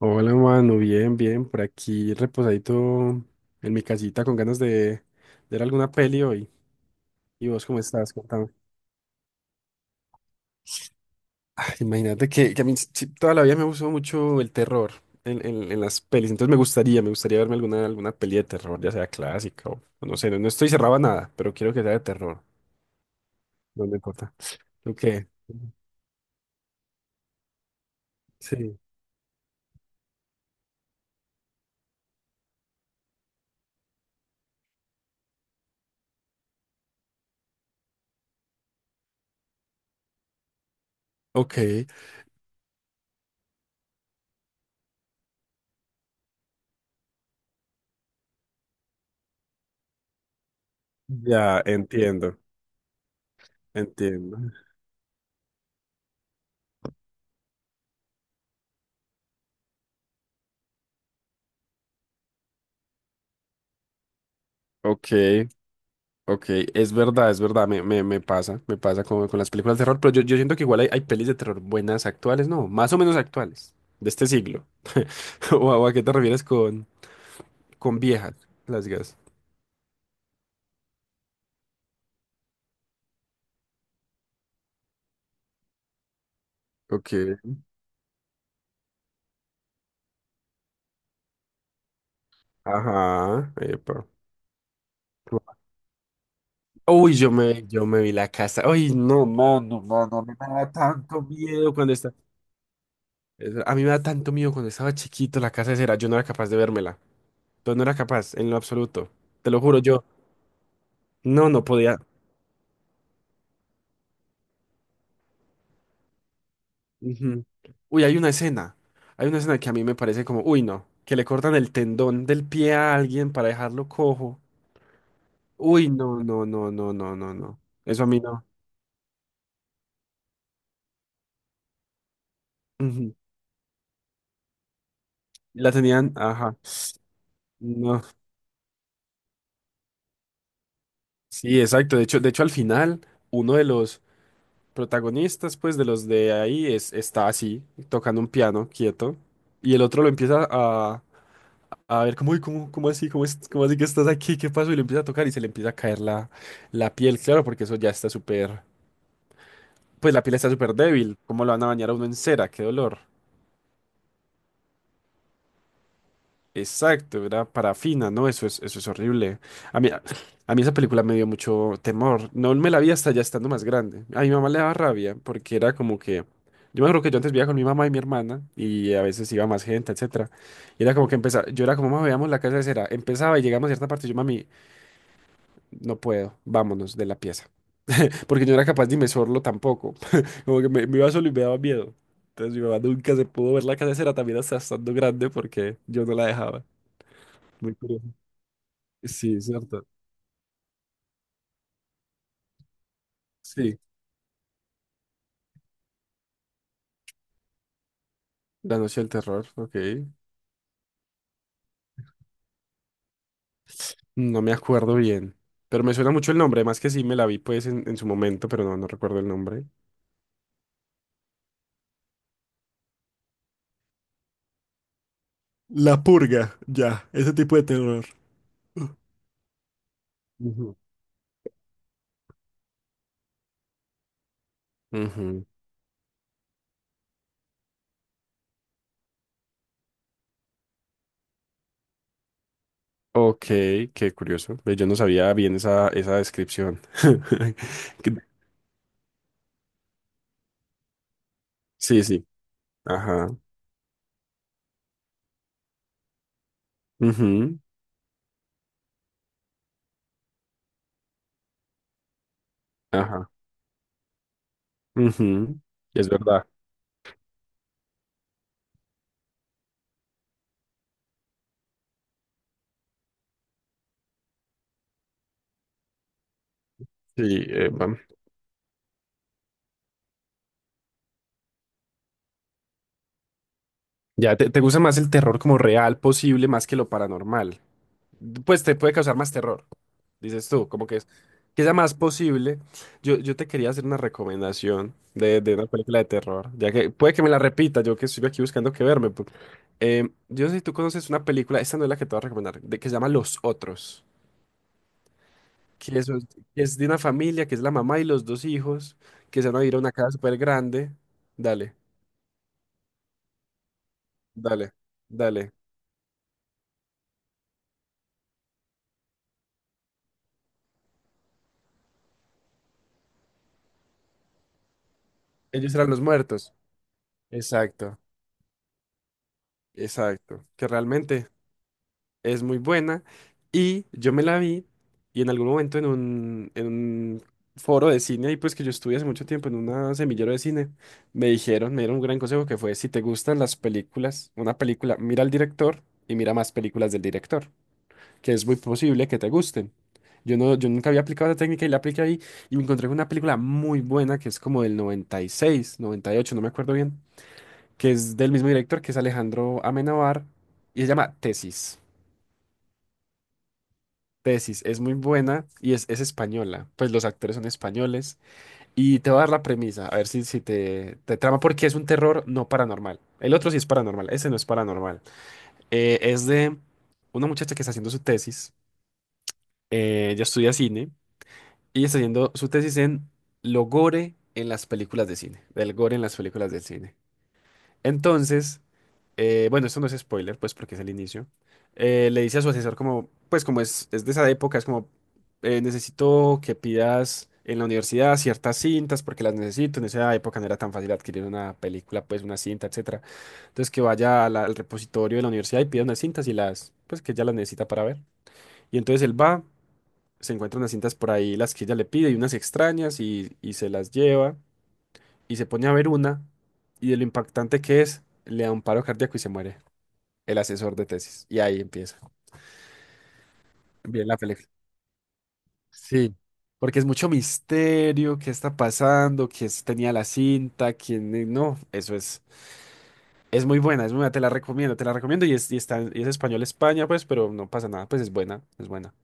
Hola, mano, bien, bien, por aquí reposadito en mi casita con ganas de ver alguna peli hoy. ¿Y vos cómo estás? Contame. Ay, imagínate que a mí sí, toda la vida me gustó mucho el terror en las pelis, entonces me gustaría verme alguna peli de terror, ya sea clásica o no sé, no, no estoy cerrado a nada, pero quiero que sea de terror, no me importa. ¿Tú qué? Sí. Ok, ya entiendo, entiendo. Ok, Ok, es verdad, me pasa con las películas de terror, pero yo siento que igual hay pelis de terror buenas actuales, no, más o menos actuales, de este siglo. ¿O a qué te refieres con viejas, las gas? Ok, ajá, epa. Uy, yo me vi la casa. Uy, no, mano, mano, a mí me da tanto miedo cuando está. A mí me da tanto miedo cuando estaba chiquito la casa de cera. Yo no era capaz de vérmela. Yo no era capaz, en lo absoluto. Te lo juro, yo no podía. Ujú. Uy, hay una escena. Hay una escena que a mí me parece como, uy, no, que le cortan el tendón del pie a alguien para dejarlo cojo. Uy, no, no, no, no, no, no, no. Eso a mí no. Ujú. La tenían, ajá. No. Sí, exacto. De hecho, al final, uno de los protagonistas, pues, de los de ahí, está así, tocando un piano, quieto. Y el otro lo empieza a ver como, uy, ¿cómo así? ¿Cómo así que estás aquí? ¿Qué pasó? Y le empieza a tocar y se le empieza a caer la piel, claro, porque eso ya está súper. Pues la piel está súper débil. ¿Cómo lo van a bañar a uno en cera? ¡Qué dolor! Exacto, era parafina, ¿no? Eso es horrible. A mí esa película me dio mucho temor. No me la vi hasta ya estando más grande. A mi mamá le daba rabia porque era como que. Yo me acuerdo que yo antes vivía con mi mamá y mi hermana y a veces iba más gente, etcétera. Y era como que empezaba, yo era como, mamá, veamos la casa de cera. Empezaba y llegamos a cierta parte y yo, mami, no puedo, vámonos de la pieza. Porque yo no era capaz de inmersorlo tampoco. Como que me iba solo y me daba miedo. Entonces mi mamá nunca se pudo ver la casera también hasta estando grande porque yo no la dejaba. Muy curioso. Sí, cierto. Sí, La Noche del Terror, ok. No me acuerdo bien. Pero me suena mucho el nombre, más que sí me la vi pues en su momento, pero no recuerdo el nombre. La purga, ya, ese tipo de terror. Ujú. Ujú. Ok, qué curioso. Ve, yo no sabía bien esa descripción. Que- Sí, sí. Ajá. Ujú, ajá. Ujú, es verdad. Sí. eh, vam- ya te gusta más el terror como real posible más que lo paranormal. Pues te puede causar más terror, dices tú, como que es que sea más posible. Yo te quería hacer una recomendación de una película de terror, ya que puede que me la repita, yo que estoy aquí buscando que verme. Yo no sé si tú conoces una película, esta no es la que te voy a recomendar, que se llama Los Otros, que eso es, que es de una familia, que es la mamá y los dos hijos, que se van a ir a una casa súper grande. Dale, dale, dale. Ellos eran los muertos. Exacto, exacto. Que realmente. Es muy buena y yo me la vi y en algún momento en un, foro de cine, ahí pues que yo estuve hace mucho tiempo en una semillero de cine, me dijeron, me dieron un gran consejo que fue, si te gustan las películas, una película, mira al director y mira más películas del director, que es muy posible que te gusten. Yo, no, yo nunca había aplicado esa técnica y la apliqué ahí y me encontré con una película muy buena que es como del noventa noventa y seis noventa y ocho no me acuerdo bien, que es del mismo director que es Alejandro Amenábar y se llama Tesis. Tesis es muy buena y es española, pues los actores son españoles. Y te voy a dar la premisa, a ver si, te trama, porque es un terror no paranormal. El otro sí es paranormal, ese no es paranormal. Es de una muchacha que está haciendo su tesis, ella estudia cine y está haciendo su tesis en lo gore en las películas de cine, del gore en las películas de cine. Entonces, bueno, esto no es spoiler, pues porque es el inicio. Le dice a su asesor como, pues como es de esa época, es como, necesito que pidas en la universidad ciertas cintas porque las necesito. En esa época no era tan fácil adquirir una película, pues una cinta, etcétera. Entonces que vaya a al repositorio de la universidad y pida unas cintas y las, pues que ella las necesita para ver. Y entonces él va, se encuentra unas cintas por ahí, las que ella le pide y unas extrañas y se las lleva y se pone a ver una y de lo impactante que es, le da un paro cardíaco y se muere el asesor de tesis. Y ahí empieza. Bien la película. Sí, porque es mucho misterio, qué está pasando, quién tenía la cinta, quién no, eso es muy buena, es muy buena, te la recomiendo y es español España, pues, pero no pasa nada, pues es buena, es buena.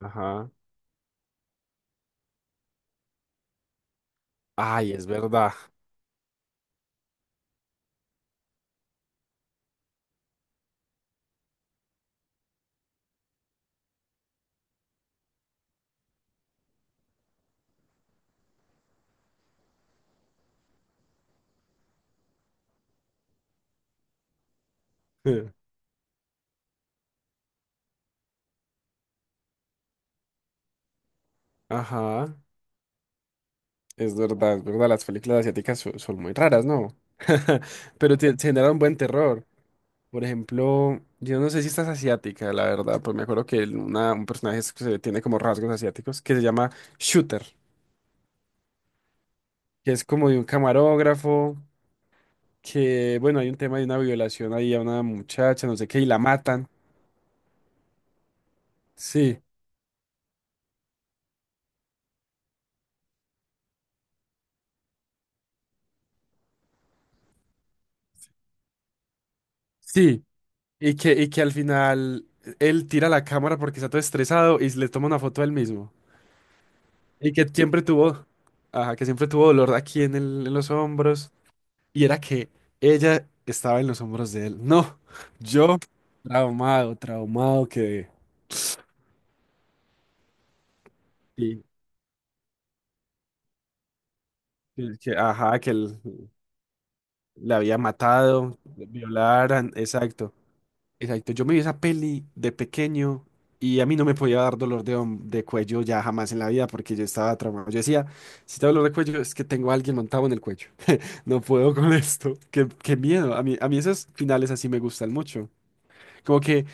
Ajá. Ay, es verdad. Ajá, es verdad, las películas asiáticas son, muy raras, ¿no? Pero te generan buen terror. Por ejemplo, yo no sé si estás asiática, la verdad, pues me acuerdo que un personaje que se tiene como rasgos asiáticos que se llama Shooter, que es como de un camarógrafo, que bueno, hay un tema de una violación ahí a una muchacha, no sé qué, y la matan. Sí, sí, y que al final él tira la cámara porque está todo estresado y le toma una foto a él mismo. Y que siempre tuvo, ajá, que siempre tuvo dolor aquí en los hombros. Y era que ella estaba en los hombros de él. No, yo traumado, traumado que, sí, que, ajá, que él la había matado, le violaran, exacto, exacto. Yo me vi esa peli de pequeño y a mí no me podía dar dolor de cuello ya jamás en la vida porque yo estaba traumado. Yo decía, si tengo dolor de cuello es que tengo a alguien montado en el cuello. No puedo con esto. Qué miedo. A mí esos finales así me gustan mucho. Como que.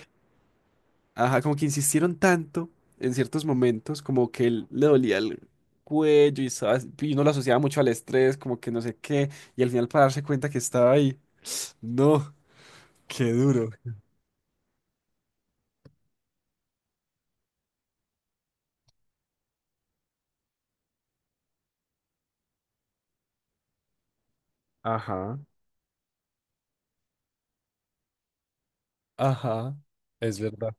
Ajá, como que insistieron tanto en ciertos momentos, como que él le dolía el cuello y uno lo asociaba mucho al estrés, como que no sé qué, y al final para darse cuenta que estaba ahí. No, qué duro. Ajá, ajá, es verdad.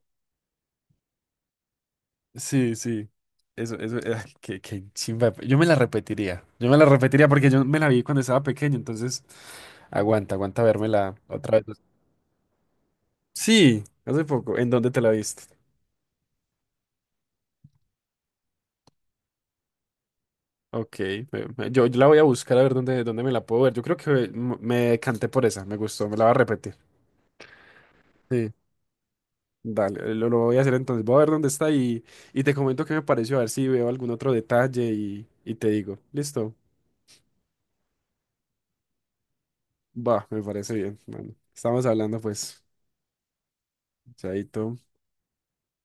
Sí, sí. Eso, qué chimba. Yo me la repetiría. Yo me la repetiría porque yo me la vi cuando estaba pequeño, entonces aguanta, aguanta vérmela otra vez. Sí, hace poco. ¿En dónde te la viste? Ok, yo la voy a buscar a ver dónde, me la puedo ver. Yo creo que me decanté por esa, me gustó, me la va a repetir. Sí, dale, lo voy a hacer entonces. Voy a ver dónde está y te comento qué me pareció, a ver si veo algún otro detalle y te digo. ¿Listo? Va, me parece bien. Bueno, estamos hablando pues, chaito.